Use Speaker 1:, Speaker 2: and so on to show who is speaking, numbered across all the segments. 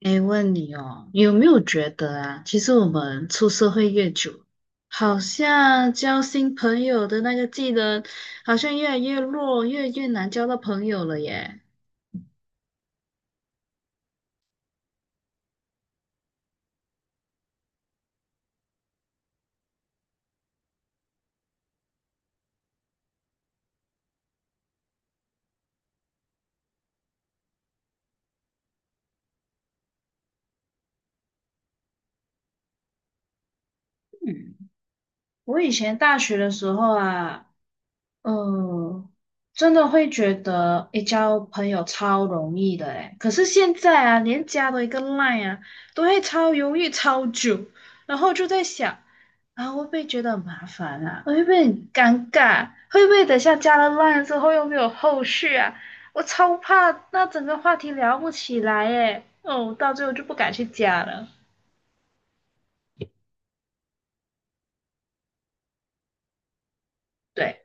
Speaker 1: 哎，问你哦，有没有觉得啊？其实我们出社会越久，好像交新朋友的那个技能，好像越来越弱，越来越难交到朋友了耶。嗯，我以前大学的时候啊，嗯，真的会觉得诶，交朋友超容易的诶，可是现在啊，连加多一个 line 啊，都会超犹豫超久，然后就在想，啊，会不会觉得很麻烦啊？会不会很尴尬？会不会等下加了 line 之后又没有后续啊？我超怕那整个话题聊不起来诶，哦，我到最后就不敢去加了。对。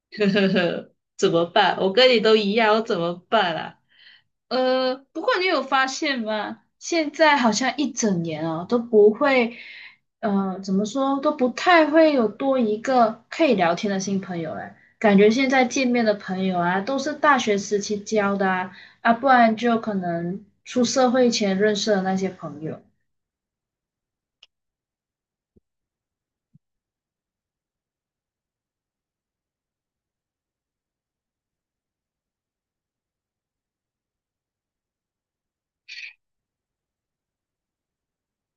Speaker 1: 呵呵呵，怎么办？我跟你都一样，我怎么办啊？不过你有发现吗？现在好像一整年哦都不会，怎么说都不太会有多一个可以聊天的新朋友哎，感觉现在见面的朋友啊，都是大学时期交的啊，啊，不然就可能出社会前认识的那些朋友。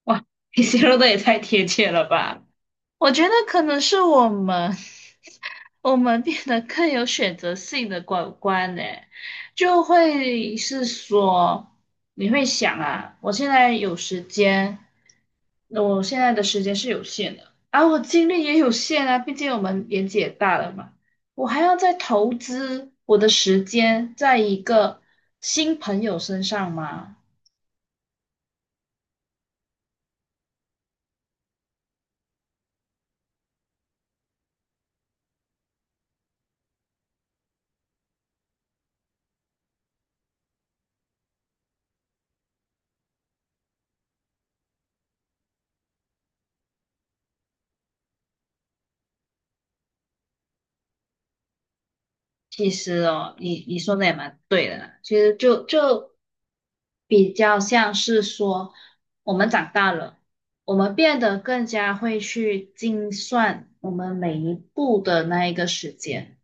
Speaker 1: 哇，你形容的也太贴切了吧！我觉得可能是我们 我们变得更有选择性的管观呢，就会是说，你会想啊，我现在有时间，那我现在的时间是有限的，而我精力也有限啊，毕竟我们年纪也大了嘛，我还要再投资我的时间在一个新朋友身上吗？其实哦，你说的也蛮对的啦。其实就比较像是说，我们长大了，我们变得更加会去精算我们每一步的那一个时间，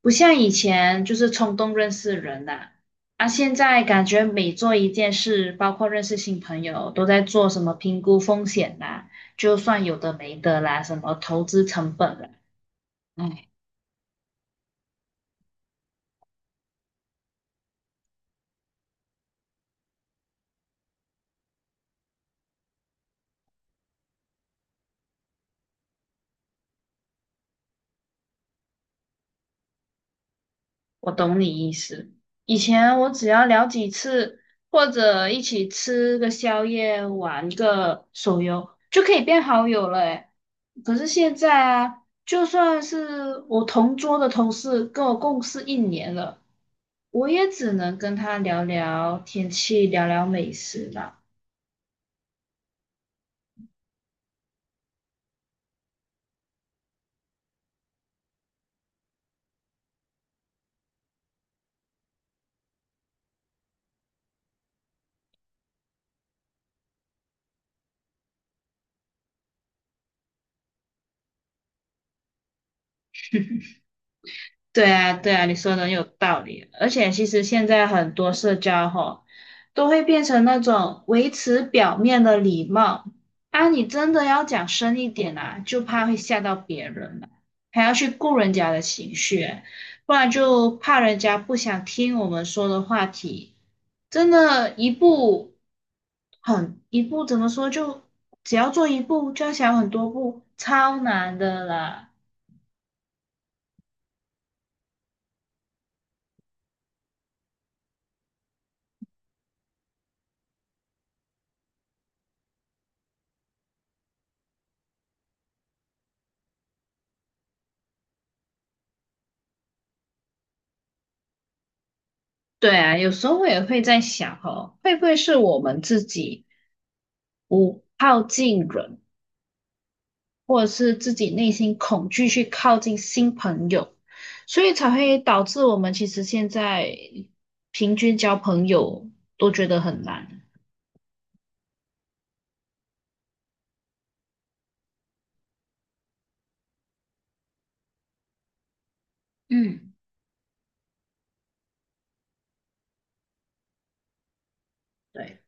Speaker 1: 不像以前就是冲动认识人呐、啊。现在感觉每做一件事，包括认识新朋友，都在做什么评估风险啦，就算有的没的啦，什么投资成本啦。我懂你意思。以前我只要聊几次，或者一起吃个宵夜、玩个手游，就可以变好友了诶。可是现在啊，就算是我同桌的同事，跟我共事一年了，我也只能跟他聊聊天气、聊聊美食啦。对啊，对啊，你说的很有道理。而且其实现在很多社交吼，都会变成那种维持表面的礼貌啊，你真的要讲深一点啊，就怕会吓到别人啊，还要去顾人家的情绪，不然就怕人家不想听我们说的话题。真的，一步很一步怎么说，就只要做一步，就要想很多步，超难的啦。对啊，有时候我也会在想哦，会不会是我们自己不靠近人，或者是自己内心恐惧去靠近新朋友，所以才会导致我们其实现在平均交朋友都觉得很难。嗯对，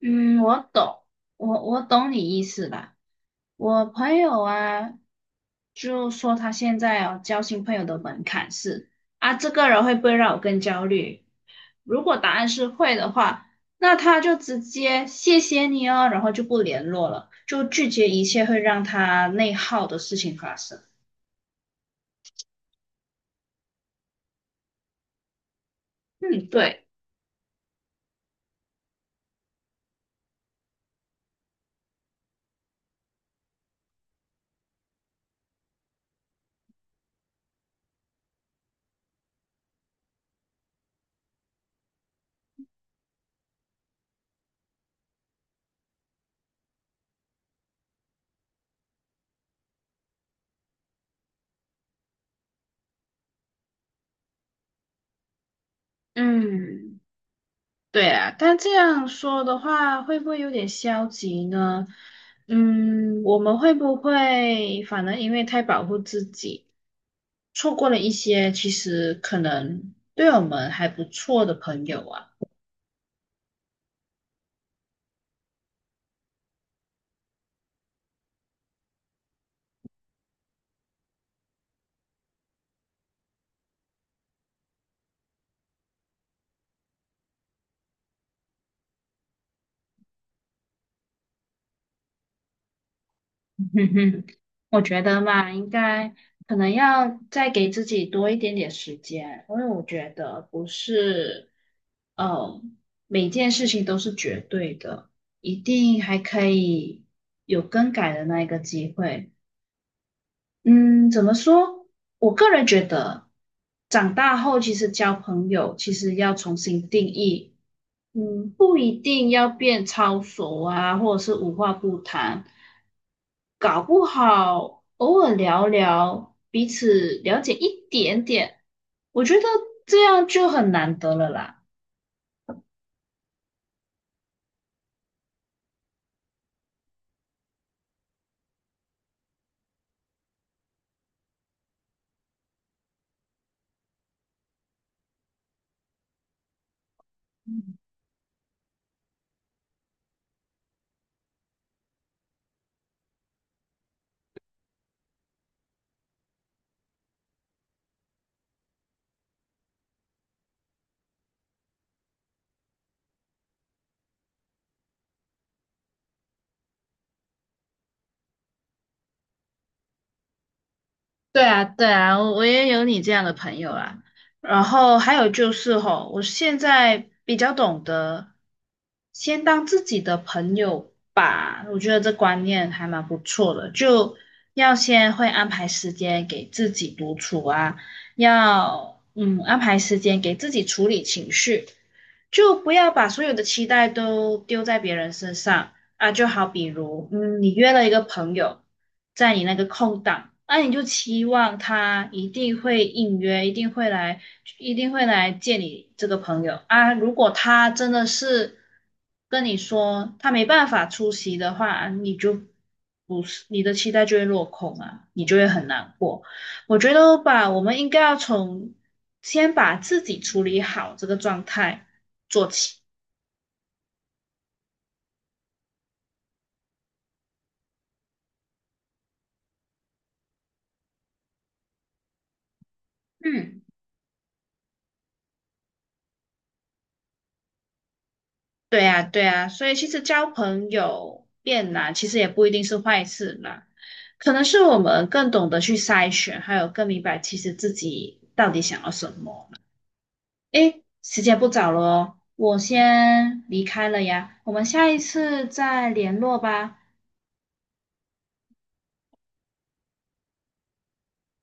Speaker 1: 嗯，我懂，我懂你意思啦。我朋友啊，就说他现在哦，交新朋友的门槛是啊，这个人会不会让我更焦虑？如果答案是会的话，那他就直接谢谢你哦，然后就不联络了，就拒绝一切会让他内耗的事情发生。嗯，对，嗯，对啊。但这样说的话，会不会有点消极呢？我们会不会反而因为太保护自己，错过了一些其实可能对我们还不错的朋友啊？嗯哼，我觉得嘛，应该可能要再给自己多一点点时间，因为我觉得不是，呃，每件事情都是绝对的，一定还可以有更改的那一个机会。嗯，怎么说？我个人觉得，长大后其实交朋友其实要重新定义。不一定要变超熟啊，或者是无话不谈，搞不好偶尔聊聊，彼此了解一点点，我觉得这样就很难得了啦。对啊，对啊，我也有你这样的朋友啊。然后还有就是吼，我现在比较懂得先当自己的朋友吧，我觉得这观念还蛮不错的。就要先会安排时间给自己独处啊，要安排时间给自己处理情绪，就不要把所有的期待都丢在别人身上。啊，就好比如，你约了一个朋友，在你那个空档，那、你就期望他一定会应约，一定会来，一定会来见你这个朋友啊。如果他真的是跟你说他没办法出席的话，啊你就不是你的期待就会落空啊，你就会很难过。我觉得吧，我们应该要从先把自己处理好这个状态做起。嗯。对呀，对呀，所以其实交朋友变难，其实也不一定是坏事啦，可能是我们更懂得去筛选，还有更明白其实自己到底想要什么。诶，时间不早了哦，我先离开了呀，我们下一次再联络吧。